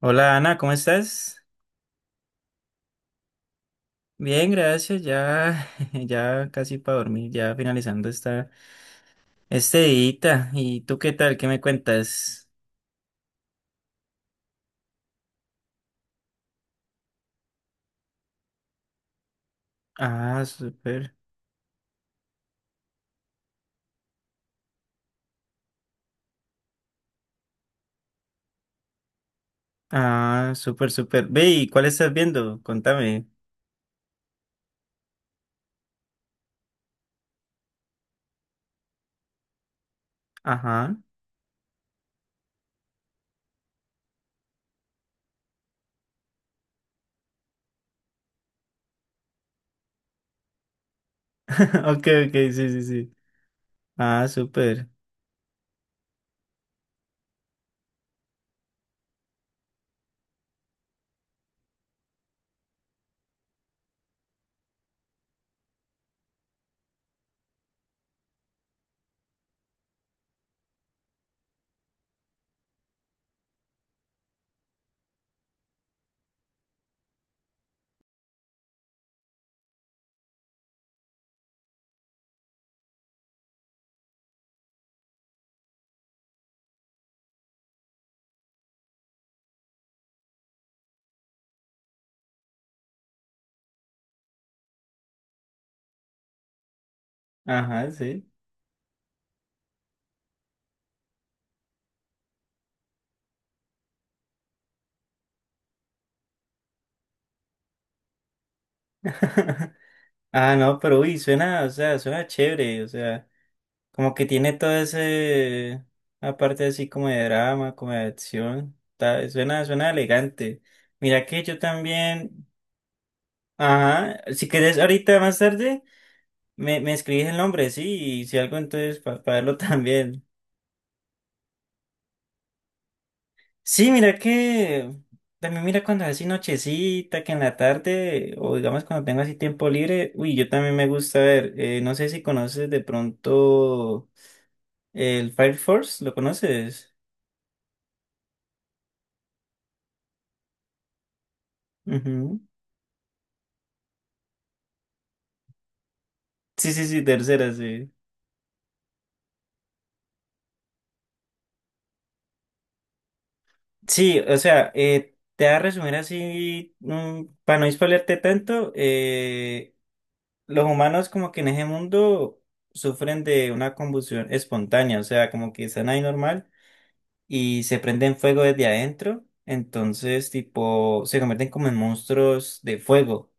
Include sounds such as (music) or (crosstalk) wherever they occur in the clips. Hola Ana, ¿cómo estás? Bien, gracias. Ya, (laughs) ya casi para dormir, ya finalizando esta este día. ¿Y tú qué tal? ¿Qué me cuentas? Ah, súper. Ah, súper, súper. Ve, ¿y cuál estás viendo? Contame. Ajá. (laughs) Ok, ok, sí, sí, sí. Ah, súper. Ajá, sí. (laughs) Ah, no, pero uy, suena, o sea, suena chévere, o sea. Como que tiene todo ese, aparte así como de drama, como de acción, suena elegante. Mira que yo también, ajá, si querés ahorita más tarde, me escribís el nombre, sí, y si algo entonces para verlo (laughs) también. Sí, mira que, también mira cuando es así nochecita, que en la tarde, o digamos cuando tengo así tiempo libre, uy, yo también me gusta ver, no sé si conoces de pronto el Fire Force, ¿lo conoces? Ujú. Sí, sí, sí, tercera, sí. Sí, o sea, te voy a resumir así, para no spoilearte tanto, los humanos como que en ese mundo sufren de una combustión espontánea, o sea, como que están ahí normal y se prenden fuego desde adentro, entonces tipo se convierten como en monstruos de fuego.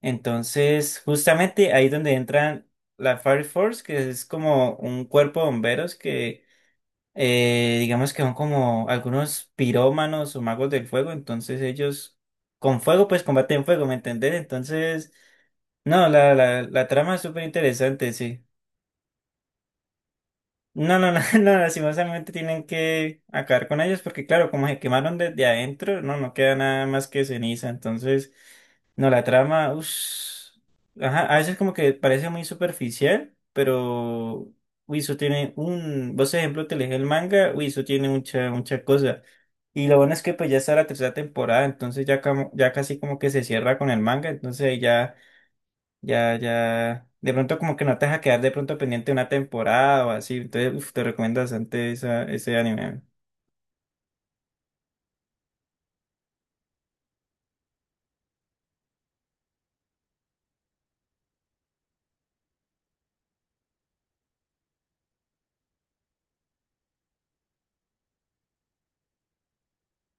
Entonces, justamente ahí es donde entran la Fire Force, que es como un cuerpo de bomberos que digamos que son como algunos pirómanos o magos del fuego, entonces ellos con fuego pues combaten fuego, ¿me entendés? Entonces, no, la trama es súper interesante, sí. No, no, no, (laughs) no, lastimosamente tienen que acabar con ellos porque claro, como se quemaron desde adentro, no, no queda nada más que ceniza, entonces, no, la trama, uff, ajá, a veces como que parece muy superficial, pero, uy, eso tiene vos ejemplo, te lees el manga, uy, eso tiene mucha, mucha cosa, y lo bueno es que pues ya está la tercera temporada, entonces ya, ya casi como que se cierra con el manga, entonces ahí ya ya, ya. De pronto como que no te deja quedar de pronto pendiente una temporada o así. Entonces, uf, te recomiendo bastante esa, ese anime.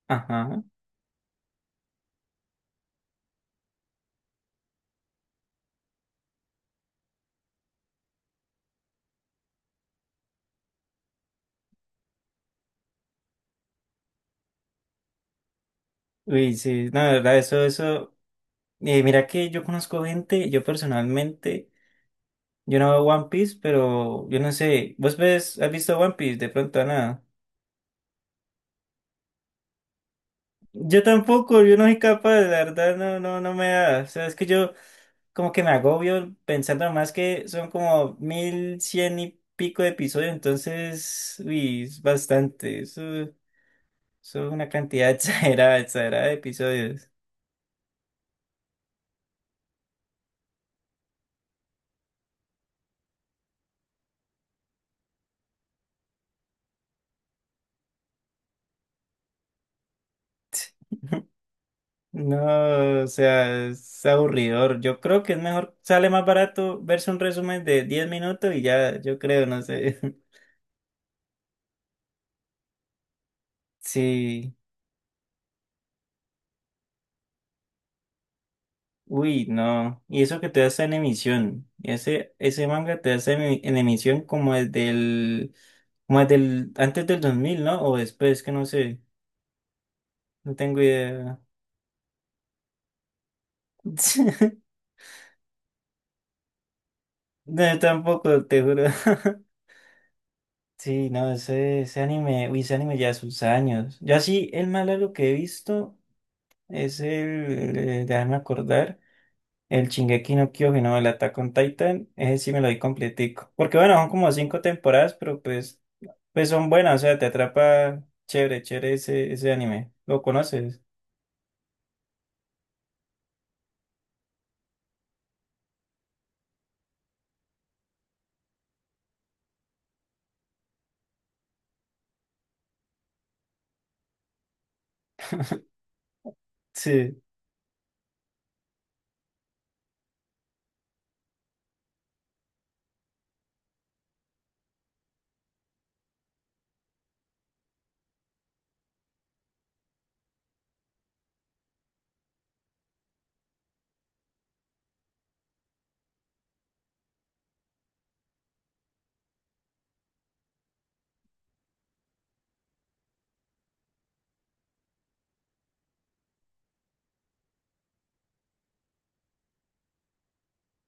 Ajá. Uy, sí. No, de verdad, eso, eso. Mira que yo conozco gente, yo personalmente, yo no veo One Piece, pero yo no sé. ¿Vos ves, has visto One Piece? De pronto, nada. Yo tampoco, yo no soy capaz, la verdad, no, no, no me da. O sea, es que yo. Como que me agobio pensando más que son como 1100 y pico de episodios, entonces, uy, es bastante. Eso es una cantidad (laughs) exagerada, exagerada de episodios. (tsk) No, o sea, es aburridor. Yo creo que es mejor, sale más barato verse un resumen de 10 minutos y ya, yo creo, no sé. (laughs) Sí. Uy, no. Y eso que te está en emisión. Ese manga te está en emisión como desde el, antes del 2000, ¿no? O después, que no sé. No tengo idea. (laughs) No, yo tampoco, te juro. (laughs) Sí, no, ese anime, uy, ese anime ya sus años. Yo sí, el más largo que he visto es el, déjame acordar. El Shingeki no Kyojin, no, el Attack on Titan, ese sí me lo di completico. Porque bueno, son como cinco temporadas, pero pues, pues son buenas, o sea, te atrapa chévere, chévere ese anime. ¿Lo conoces? Sí,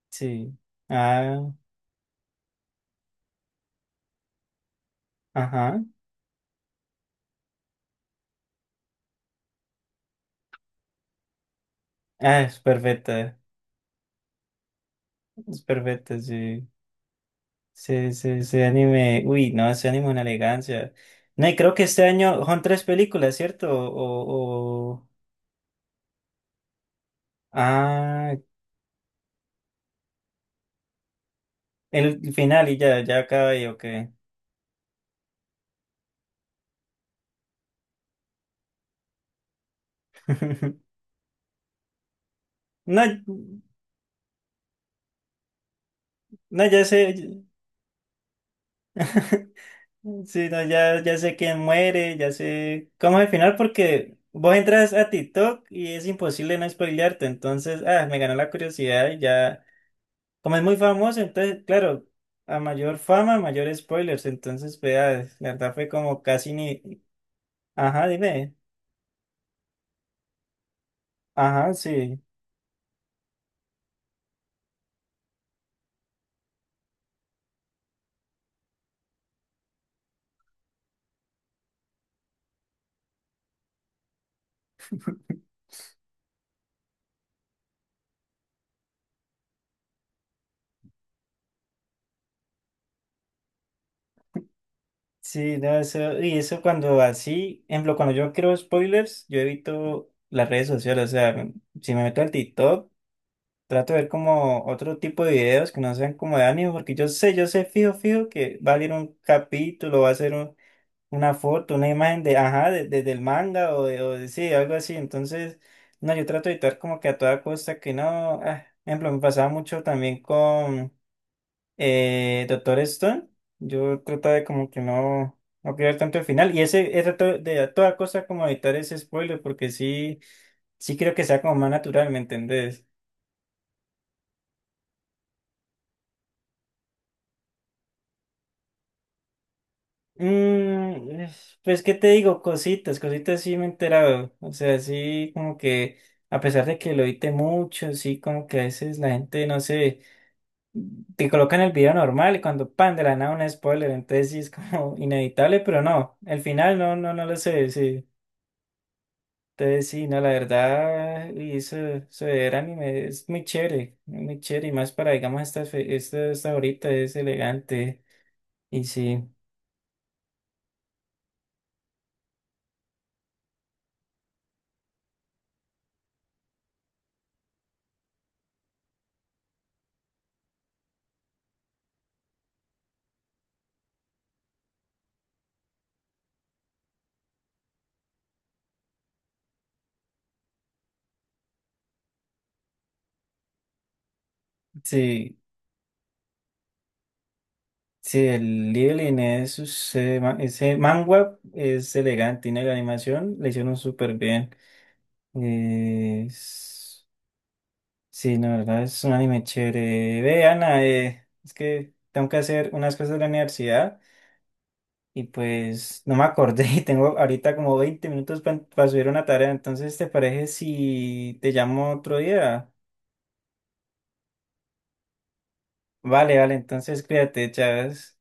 sí. Ah, ajá. Ah, es perfecta, sí. Sí, sí, ese anime, uy, no, ese anime es una elegancia. No, y creo que este año son tres películas, ¿cierto? O... Ah, el final y ya, ya acaba y ok. (laughs) No. No, ya sé, (laughs) sí, no, ya, ya sé quién muere, ya sé cómo es el final porque vos entras a TikTok y es imposible no spoilearte, entonces, ah, me ganó la curiosidad y ya, como es muy famoso, entonces, claro, a mayor fama, mayor spoilers, entonces, vea, la verdad fue como casi ni, ajá, dime, ajá, sí. Sí, no, eso, y eso cuando así, ejemplo, cuando yo creo spoilers, yo evito las redes sociales, o sea, si me meto al TikTok, trato de ver como otro tipo de videos que no sean como de anime, porque yo sé fijo, fijo que va a salir un capítulo, va a ser un- una foto, una imagen de, ajá, del manga o de sí, algo así. Entonces, no, yo trato de evitar como que a toda costa que no. Ah, por ejemplo, me pasaba mucho también con Doctor Stone. Yo trataba de como que no, no querer tanto el final. Y ese, he tratado de a toda costa como evitar ese spoiler, porque sí, sí creo que sea como más natural, ¿me entendés? Pues, ¿qué te digo? Cositas, cositas sí me he enterado. O sea, sí, como que, a pesar de que lo edite mucho, sí, como que a veces la gente, no sé, te colocan el video normal y cuando pan de la nada un spoiler, entonces sí es como (laughs) inevitable, pero no, el final no, no, no lo sé, sí. Entonces sí, no, la verdad, y eso de ver anime es muy chévere, y más para, digamos, esta, esta ahorita es elegante, y sí, sí. Sí, el Little Inés, ese, ese manga es elegante y la animación le hicieron súper bien. Es- Sí, la verdad es un anime chévere. Ve, Ana, es que tengo que hacer unas cosas de la universidad y pues no me acordé (laughs) y tengo ahorita como 20 minutos para subir una tarea. Entonces, ¿te parece si te llamo otro día? Vale, vale, entonces cuídate, Chávez.